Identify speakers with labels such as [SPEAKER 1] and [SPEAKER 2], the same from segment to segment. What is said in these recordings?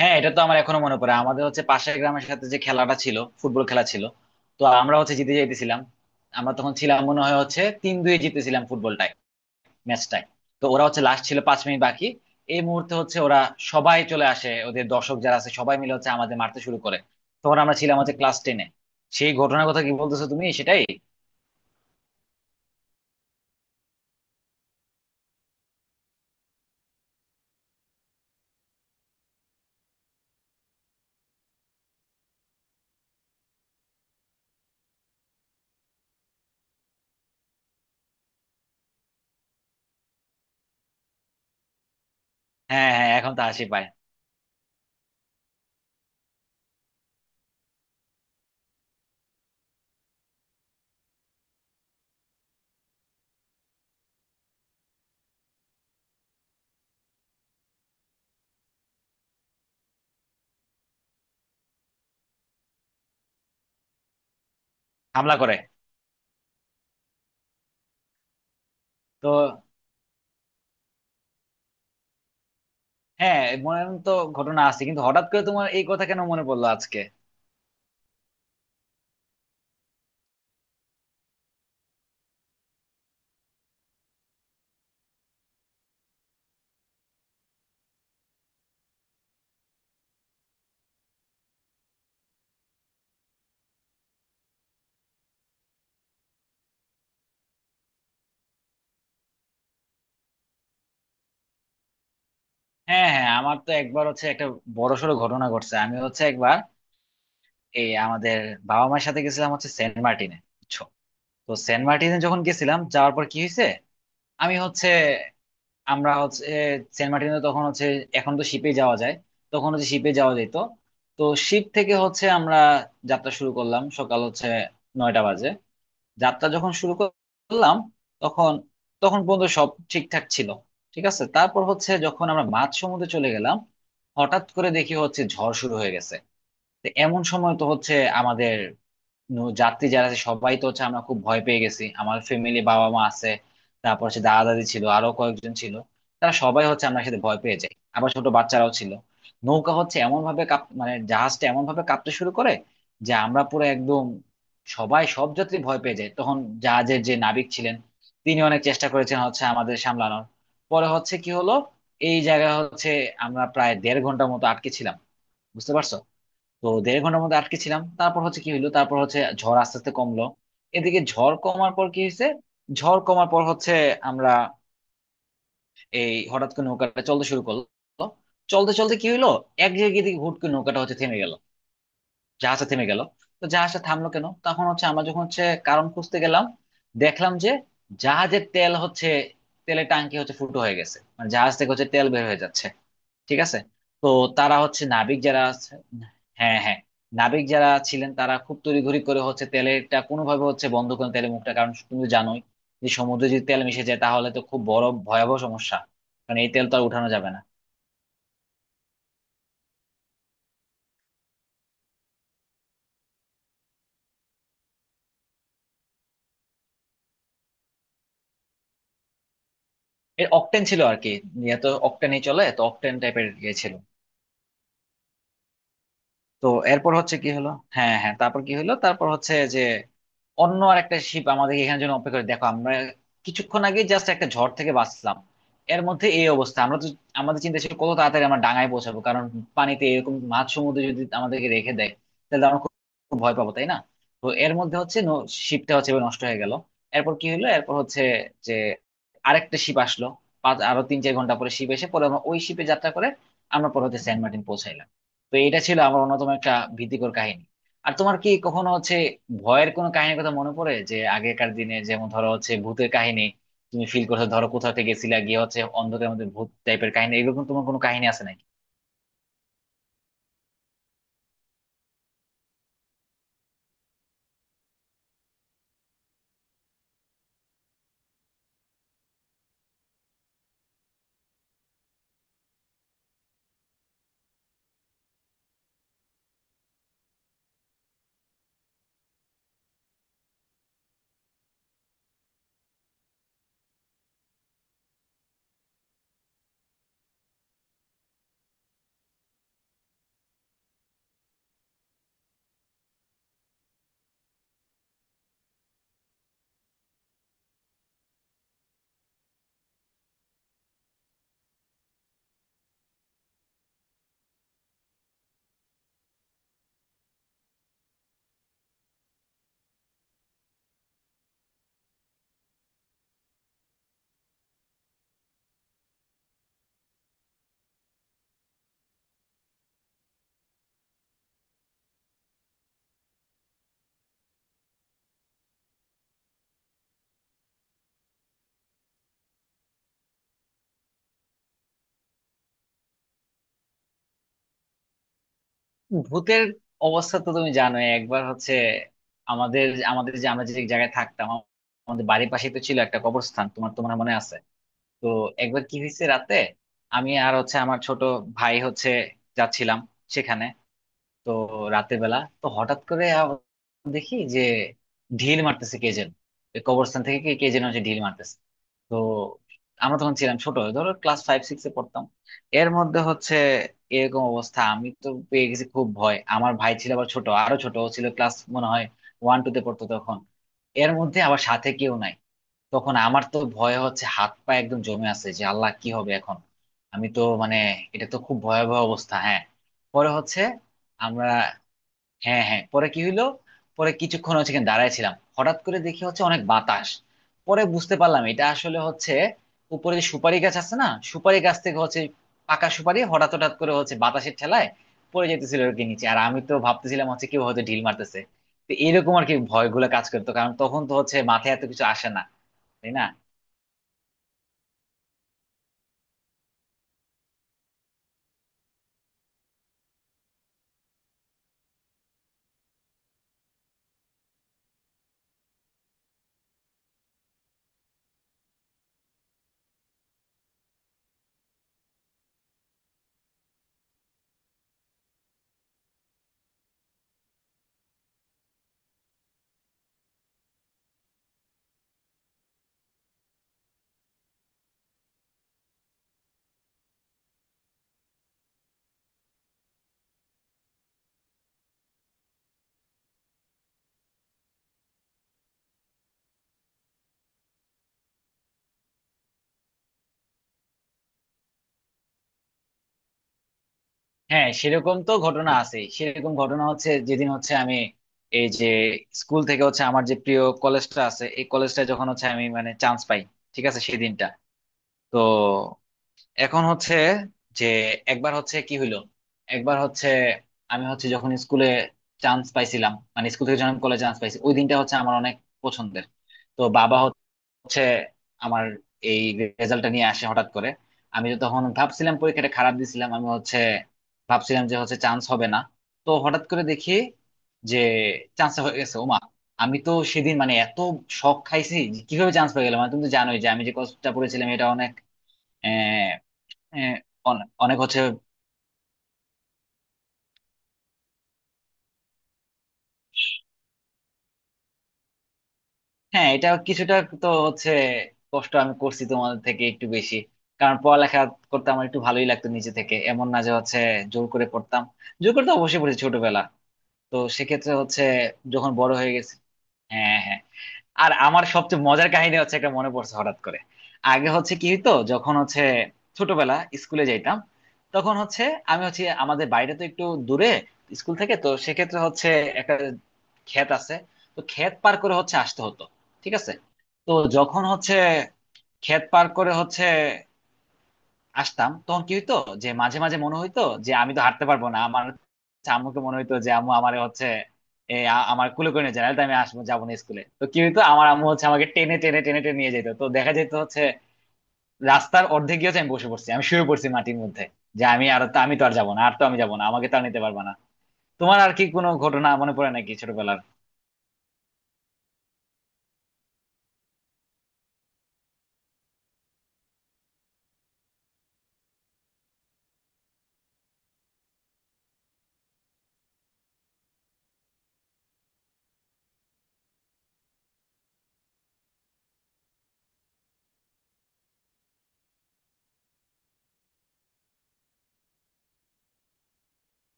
[SPEAKER 1] হ্যাঁ, এটা তো আমার এখনো মনে পড়ে। আমাদের হচ্ছে পাশের গ্রামের সাথে যে খেলাটা ছিল, ফুটবল খেলা ছিল। তো আমরা হচ্ছে জিতে যাইতেছিলাম। আমরা তখন ছিলাম, মনে হয় হচ্ছে 3-2 জিতেছিলাম ফুটবলটায়, ম্যাচটায়। তো ওরা হচ্ছে লাস্ট ছিল 5 মিনিট বাকি, এই মুহূর্তে হচ্ছে ওরা সবাই চলে আসে, ওদের দর্শক যারা আছে সবাই মিলে হচ্ছে আমাদের মারতে শুরু করে। তখন আমরা ছিলাম হচ্ছে ক্লাস টেনে। সেই ঘটনার কথা কি বলতেছো তুমি, সেটাই? হ্যাঁ, হ্যাঁ, এখন তো হাসি পায়। হামলা করে। তো হ্যাঁ, মনে তো ঘটনা আছে, কিন্তু হঠাৎ করে তোমার এই কথা কেন মনে পড়লো আজকে? হ্যাঁ, হ্যাঁ, আমার তো একবার হচ্ছে একটা বড়সড় ঘটনা ঘটছে। আমি হচ্ছে একবার এই আমাদের বাবা মায়ের সাথে গেছিলাম হচ্ছে সেন্ট মার্টিনে, বুঝছো? তো সেন্ট মার্টিনে যখন গেছিলাম, যাওয়ার পর কি হয়েছে, আমি হচ্ছে আমরা হচ্ছে সেন্ট মার্টিনে তখন হচ্ছে, এখন তো শিপে যাওয়া যায়, তখন হচ্ছে শিপে যাওয়া যেত। তো শিপ থেকে হচ্ছে আমরা যাত্রা শুরু করলাম, সকাল হচ্ছে 9টা বাজে। যাত্রা যখন শুরু করলাম, তখন তখন পর্যন্ত সব ঠিকঠাক ছিল, ঠিক আছে। তারপর হচ্ছে যখন আমরা মাঝ সমুদ্রে চলে গেলাম, হঠাৎ করে দেখি হচ্ছে ঝড় শুরু হয়ে গেছে। তো এমন সময় তো হচ্ছে আমাদের যাত্রী যারা আছে সবাই তো হচ্ছে আমরা খুব ভয় পেয়ে গেছি, আমার ফ্যামিলি বাবা মা আছে, তারপর হচ্ছে দাদা দাদি ছিল, আরো কয়েকজন ছিল, তারা সবাই হচ্ছে আমার সাথে ভয় পেয়ে যায়, আবার ছোট বাচ্চারাও ছিল। নৌকা হচ্ছে এমন ভাবে কাঁপ, মানে জাহাজটা এমন ভাবে কাঁপতে শুরু করে যে আমরা পুরো একদম, সবাই, সব যাত্রী ভয় পেয়ে যায় তখন। জাহাজের যে নাবিক ছিলেন তিনি অনেক চেষ্টা করেছেন হচ্ছে আমাদের সামলানোর। পরে হচ্ছে কি হলো, এই জায়গায় হচ্ছে আমরা প্রায় দেড় ঘন্টার মতো আটকে ছিলাম, বুঝতে পারছো? তো দেড় ঘন্টার মধ্যে আটকে ছিলাম, তারপর হচ্ছে কি হইলো, তারপর হচ্ছে ঝড় আস্তে আস্তে কমলো। এদিকে ঝড় কমার পর কি হয়েছে, ঝড় কমার পর হচ্ছে আমরা এই হঠাৎ করে নৌকাটা চলতে শুরু করলো। চলতে চলতে কি হইলো, এক জায়গায় দিকে হুট করে নৌকাটা হচ্ছে থেমে গেল, জাহাজটা থেমে গেল। তো জাহাজটা থামলো কেন, তখন হচ্ছে আমরা যখন হচ্ছে কারণ খুঁজতে গেলাম, দেখলাম যে জাহাজের তেল হচ্ছে, তেলের টাঙ্কি হচ্ছে ফুটো হয়ে গেছে, মানে জাহাজ থেকে হচ্ছে তেল বের হয়ে যাচ্ছে। ঠিক আছে। তো তারা হচ্ছে নাবিক যারা আছে, হ্যাঁ, হ্যাঁ, নাবিক যারা ছিলেন তারা খুব তড়িঘড়ি করে হচ্ছে তেলটা কোনোভাবে হচ্ছে বন্ধ করেন, তেলের মুখটা। কারণ তুমি তো জানোই যে সমুদ্রে যদি তেল মিশে যায় তাহলে তো খুব বড় ভয়াবহ সমস্যা, কারণ এই তেল তো আর উঠানো যাবে না। এর অকটেন ছিল আর কি, এত অকটেনই চলে, তো অকটেন টাইপের ইয়ে ছিল। তো এরপর হচ্ছে কি হলো, হ্যাঁ, হ্যাঁ, তারপর কি হলো, তারপর হচ্ছে যে অন্য আর একটা শিপ আমাদের এখানে জন্য অপেক্ষা করে, দেখো আমরা কিছুক্ষণ আগে জাস্ট একটা ঝড় থেকে বাঁচলাম, এর মধ্যে এই অবস্থা। আমরা তো, আমাদের চিন্তা ছিল কত তাড়াতাড়ি আমরা ডাঙায় পৌঁছাবো, কারণ পানিতে এরকম মাঝ সমুদ্রে যদি আমাদেরকে রেখে দেয়, তাহলে আমরা খুব খুব ভয় পাবো, তাই না? তো এর মধ্যে হচ্ছে শিপটা হচ্ছে এবার নষ্ট হয়ে গেল। এরপর কি হলো, এরপর হচ্ছে যে আরেকটা শিপ আসলো। আরো 3-4 ঘন্টা পরে শিপ এসে পরে আমরা ওই শিপে যাত্রা করে আমরা পরে হচ্ছে সেন্ট মার্টিন পৌঁছাই। তো এটা ছিল আমার অন্যতম একটা ভীতিকর কাহিনী। আর তোমার কি কখনো হচ্ছে ভয়ের কোনো কাহিনীর কথা মনে পড়ে, যে আগেকার দিনে যেমন ধরো হচ্ছে ভূতের কাহিনী, তুমি ফিল করছো, ধরো কোথাও থেকে গেছিলা, গিয়ে হচ্ছে অন্ধকারের মধ্যে ভূত টাইপের কাহিনী, এরকম তোমার কোনো কাহিনী আছে নাকি? ভূতের অবস্থা তো তুমি জানো। একবার হচ্ছে আমাদের, আমাদের যে আমরা যে জায়গায় থাকতাম, আমাদের বাড়ির পাশে তো ছিল একটা কবরস্থান, তোমার তোমার মনে আছে? তো একবার কি হয়েছে রাতে, আমি আর হচ্ছে আমার ছোট ভাই হচ্ছে যাচ্ছিলাম সেখানে। তো রাতের বেলা তো হঠাৎ করে দেখি যে ঢিল মারতেছে কে যেন, ওই কবরস্থান থেকে কে কে যেন হচ্ছে ঢিল মারতেছে। তো আমরা তখন ছিলাম ছোট, ধরো ক্লাস ফাইভ সিক্স এ পড়তাম। এর মধ্যে হচ্ছে এরকম অবস্থা, আমি তো পেয়ে গেছি খুব ভয়, আমার ভাই ছিল আবার ছোট, আরো ছোট ও ছিল, ক্লাস মনে হয় ওয়ান টু তে পড়তো তখন। এর মধ্যে আবার সাথে কেউ নাই। তখন আমার তো ভয় হচ্ছে, হাত পা একদম জমে আছে, যে আল্লাহ কি হবে এখন, আমি তো মানে, এটা তো খুব ভয়াবহ অবস্থা, হ্যাঁ। পরে হচ্ছে আমরা, হ্যাঁ, হ্যাঁ, পরে কি হইলো, পরে কিছুক্ষণ হচ্ছে এখানে দাঁড়াইছিলাম, হঠাৎ করে দেখি হচ্ছে অনেক বাতাস। পরে বুঝতে পারলাম এটা আসলে হচ্ছে উপরে যে সুপারি গাছ আছে না, সুপারি গাছ থেকে হচ্ছে পাকা সুপারি হঠাৎ হঠাৎ করে হচ্ছে বাতাসের ঠেলায় পড়ে যেতেছিল আর কি নিচে, আর আমি তো ভাবতেছিলাম হচ্ছে কেউ হয়তো ঢিল মারতেছে। তো এরকম আর কি, ভয়গুলো কাজ করতো, কারণ তখন তো হচ্ছে মাথায় এত কিছু আসে না, তাই না? হ্যাঁ, সেরকম তো ঘটনা আছে। সেরকম ঘটনা হচ্ছে, যেদিন হচ্ছে আমি এই যে স্কুল থেকে হচ্ছে আমার যে প্রিয় কলেজটা আছে, এই কলেজটা যখন হচ্ছে আমি মানে চান্স পাই, ঠিক আছে সেদিনটা। তো এখন হচ্ছে যে একবার হচ্ছে কি হইলো, একবার হচ্ছে আমি হচ্ছে যখন স্কুলে চান্স পাইছিলাম, মানে স্কুল থেকে যখন কলেজে চান্স পাইছি, ওই দিনটা হচ্ছে আমার অনেক পছন্দের। তো বাবা হচ্ছে আমার এই রেজাল্টটা নিয়ে আসে হঠাৎ করে। আমি তো তখন ভাবছিলাম পরীক্ষাটা খারাপ দিছিলাম, আমি হচ্ছে ভাবছিলাম যে হচ্ছে চান্স হবে না। তো হঠাৎ করে দেখি যে চান্স হয়ে গেছে, ওমা। আমি তো সেদিন মানে এত শখ খাইছি, যে কিভাবে চান্স পেয়ে গেলাম, মানে তুমি তো জানোই যে আমি যে কষ্টটা পড়েছিলাম এটা অনেক, আহ, আহ, অনে- অনেক হচ্ছে, হ্যাঁ এটা কিছুটা তো হচ্ছে কষ্ট আমি করছি তোমাদের থেকে একটু বেশি, কারণ পড়ালেখা করতে আমার একটু ভালোই লাগতো নিজে থেকে, এমন না যে হচ্ছে জোর করে পড়তাম, জোর করে তো অবশ্যই পড়েছি ছোটবেলা, তো সেক্ষেত্রে হচ্ছে যখন বড় হয়ে গেছে, হ্যাঁ, হ্যাঁ। আর আমার সবচেয়ে মজার কাহিনী হচ্ছে একটা মনে পড়ছে হঠাৎ করে। আগে হচ্ছে কি হইতো, যখন হচ্ছে ছোটবেলা স্কুলে যাইতাম, তখন হচ্ছে আমি হচ্ছে আমাদের বাড়িটা তো একটু দূরে স্কুল থেকে, তো সেক্ষেত্রে হচ্ছে একটা ক্ষেত আছে, তো ক্ষেত পার করে হচ্ছে আসতে হতো, ঠিক আছে। তো যখন হচ্ছে ক্ষেত পার করে হচ্ছে আসতাম, তখন কি হইতো যে মাঝে মাঝে মনে হইতো যে আমি তো হাঁটতে পারবো না, আমার হচ্ছে আম্মুকে মনে হইতো যে আম্মু আমার হচ্ছে আমার কুলে করে নিয়ে যায়, নাহলে তো আমি আসবো যাবো না স্কুলে। তো কি হইতো, আমার আম্মু হচ্ছে আমাকে টেনে টেনে টেনে টেনে নিয়ে যেত। তো দেখা যেত হচ্ছে রাস্তার অর্ধেক গিয়ে হচ্ছে আমি বসে পড়ছি, আমি শুয়ে পড়ছি মাটির মধ্যে, যে আমি তো আর যাবো না, আর তো আমি যাবো না, আমাকে তো আর নিতে পারবে না। তোমার আর কি কোনো ঘটনা মনে পড়ে নাকি ছোটবেলার?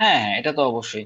[SPEAKER 1] হ্যাঁ, হ্যাঁ, এটা তো অবশ্যই।